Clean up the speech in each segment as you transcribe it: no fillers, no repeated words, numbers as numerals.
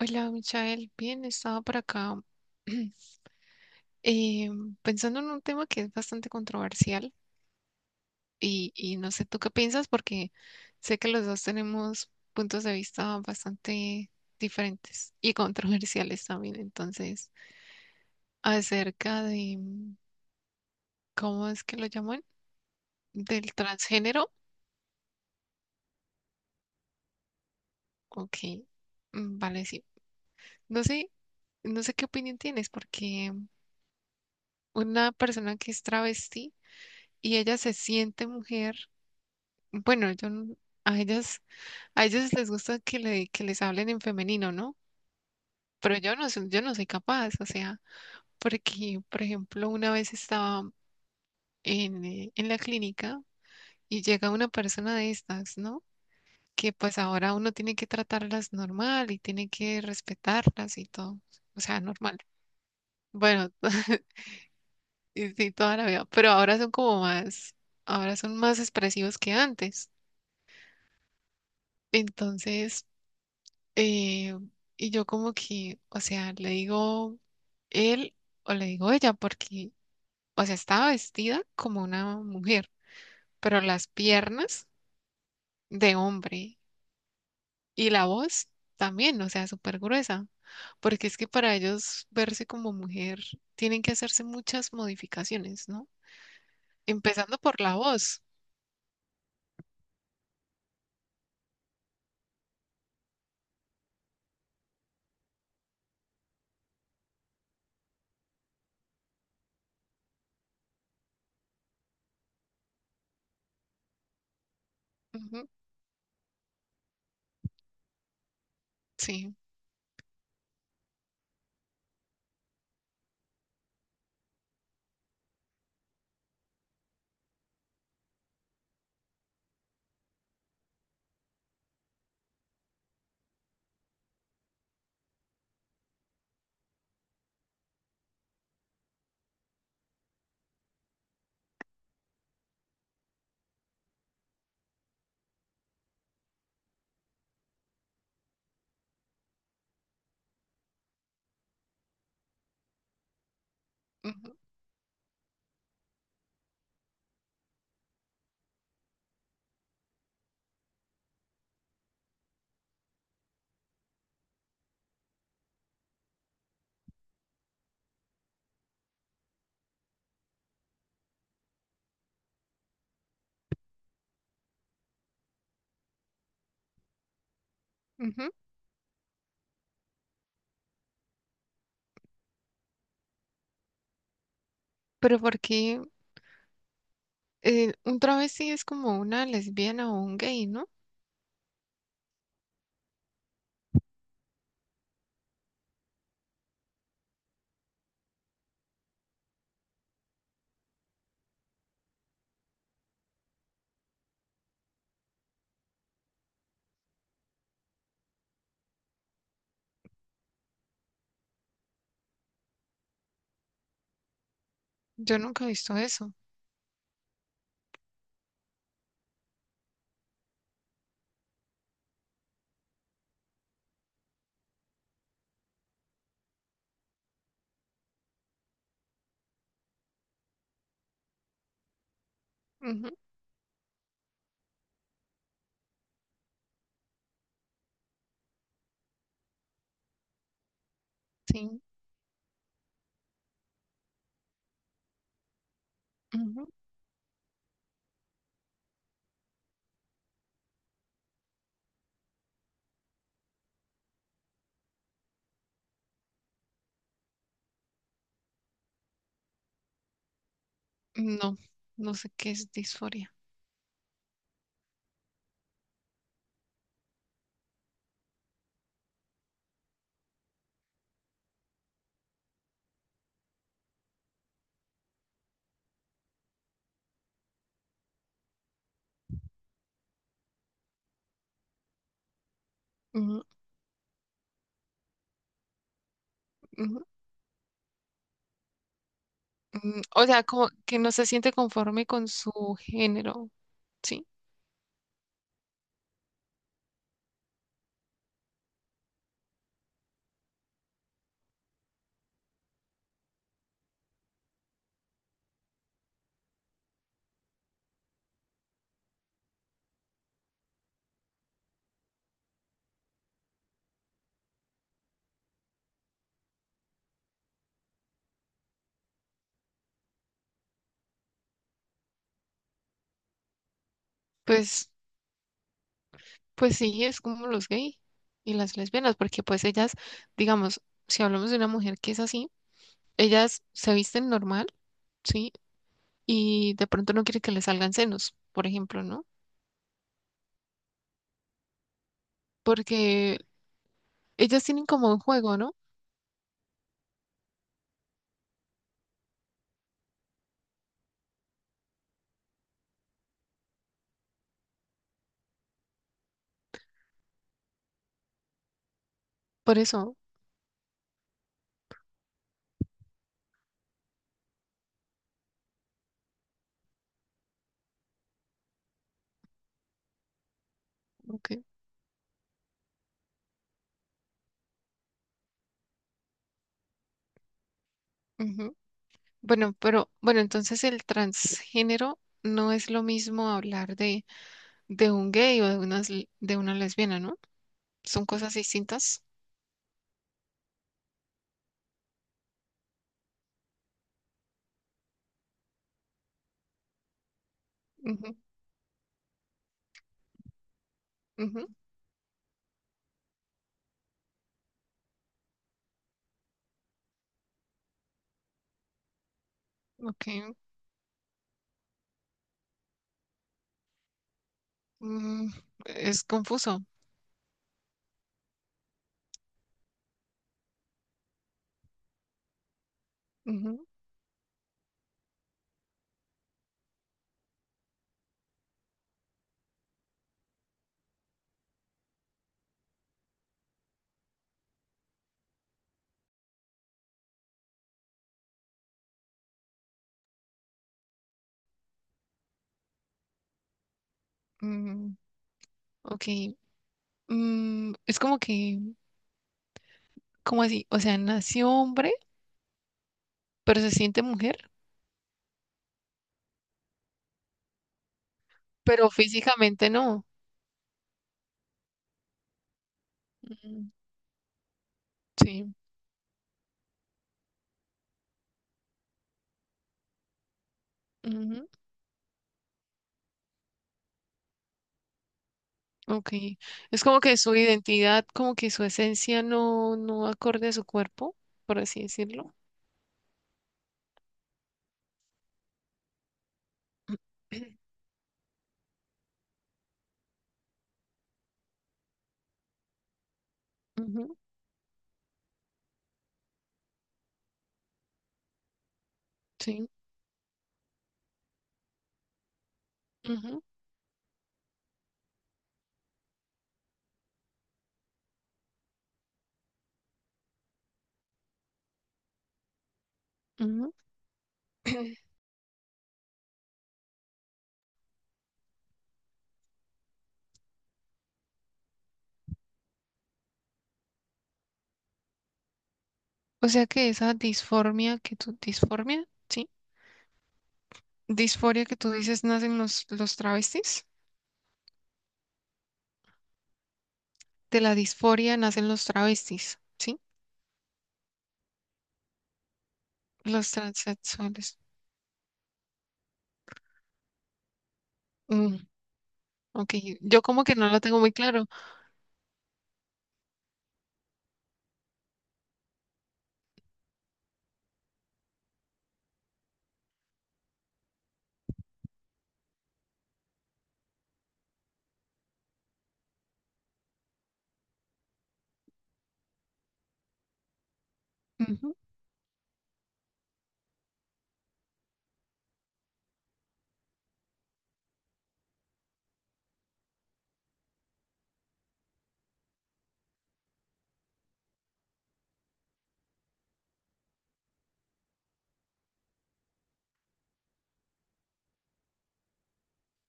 Hola, Michael. Bien, estaba por acá eh, pensando en un tema que es bastante controversial y no sé tú qué piensas porque sé que los dos tenemos puntos de vista bastante diferentes y controversiales también. Entonces, acerca de, mm, ¿cómo es que lo llaman? Del transgénero. Ok, vale, sí. No sé, no sé qué opinión tienes porque una persona que es travesti y ella se siente mujer. Bueno, yo no- a ellas, a ellas les gusta que les hablen en femenino, ¿no? Pero yo no soy capaz, o sea, porque, por ejemplo, una vez estaba en la clínica y llega una persona de estas, ¿no? Que pues ahora uno tiene que tratarlas normal y tiene que respetarlas y todo, o sea, normal. Bueno, y sí, toda la vida, pero ahora son como más, ahora son más expresivos que antes. Entonces... Eh, y yo como que, o sea, le digo él o le digo ella, porque, o sea, estaba vestida como una mujer, pero las piernas de hombre y la voz también, o sea, súper gruesa, porque es que para ellos verse como mujer tienen que hacerse muchas modificaciones, ¿no? Empezando por la voz. Ujú, sí. Ujú, ujú. Pero porque un travesti es como una lesbiana o un gay, ¿no? Yo nunca he visto eso. Ujú, sí, ujú. No, no sé qué es disforia. Ujú, ujú, ujú. O sea, como que no se siente conforme con su género, ¿sí? Pues, pues sí, es como los gays y las lesbianas, porque pues ellas, digamos, si hablamos de una mujer que es así, ellas se visten normal, ¿sí? Y de pronto no quiere que le salgan senos, por ejemplo, ¿no? Porque ellas tienen como un juego, ¿no? Por eso, ok. Bueno, pero bueno, entonces el transgénero no es lo mismo hablar de un gay o de una lesbiana, ¿no? Son cosas distintas. Ujú, ujú, ok. Mm, es confuso. Ujú, mm, ok. Mm, es como que, ¿cómo así? O sea, nació hombre, pero se siente mujer, pero físicamente no. Ujú, sí. Ok, es como que su identidad, como que su esencia no, no acorde a su cuerpo, por así decirlo. Ujú, sí. Ujú, ujú. O sea que esa disformia que tú, disformia, sí, disforia que tú dices nacen los travestis, de la disforia nacen los travestis, sí, los transexuales. Mm, ok, yo como que no lo tengo muy claro. Ujú.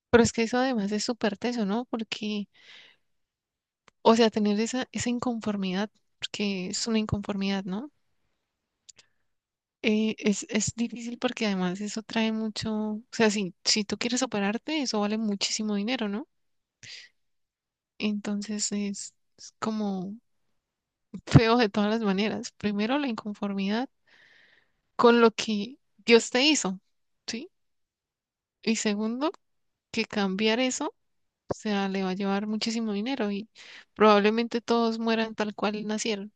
Pero es que eso además es súper teso, ¿no? Porque, o sea, tener esa, esa inconformidad, porque es una inconformidad, ¿no? Es difícil porque además eso trae mucho, o sea, si, si tú quieres operarte, eso vale muchísimo dinero, ¿no? Entonces es como feo de todas las maneras. Primero, la inconformidad con lo que Dios te hizo, ¿sí? Y segundo, que cambiar eso, o sea, le va a llevar muchísimo dinero y probablemente todos mueran tal cual nacieron.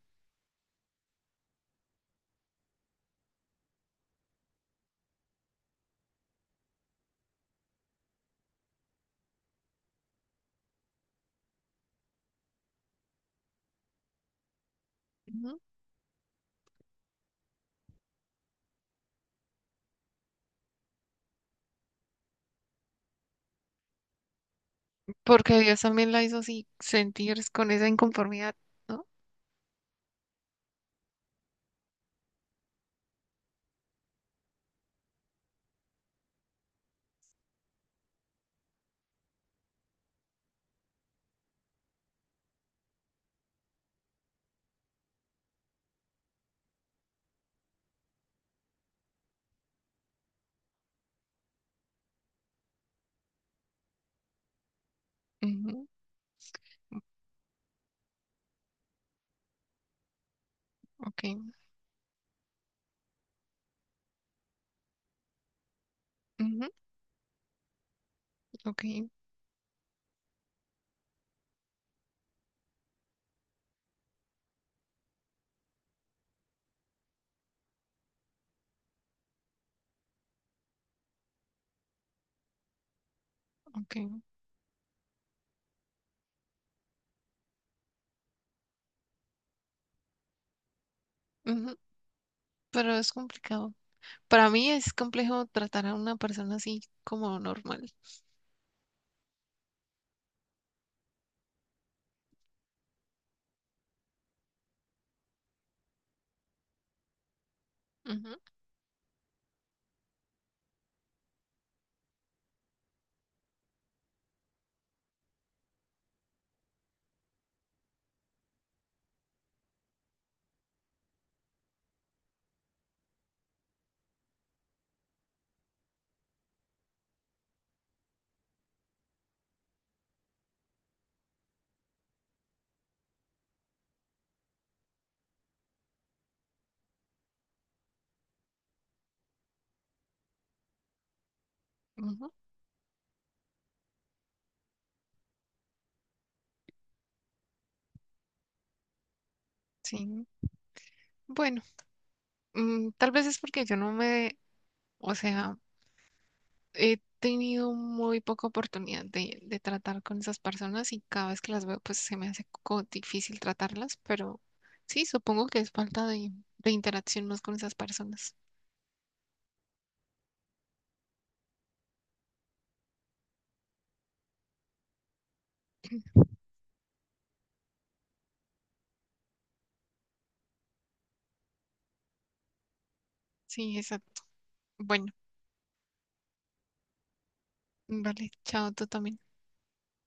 Ujú. Porque Dios también la hizo así sentir con esa inconformidad, ¿no? Ujú, ok, ujú, ok, ok, ujú, pero es complicado. Para mí es complejo tratar a una persona así como normal. Ujú, ujú, sí. Bueno, tal vez es porque yo no me, o sea, he tenido muy poca oportunidad de tratar con esas personas y cada vez que las veo, pues se me hace co- difícil tratarlas, pero sí, supongo que es falta de interacción más con esas personas. Sí, exacto. Bueno, vale, chao, tú también.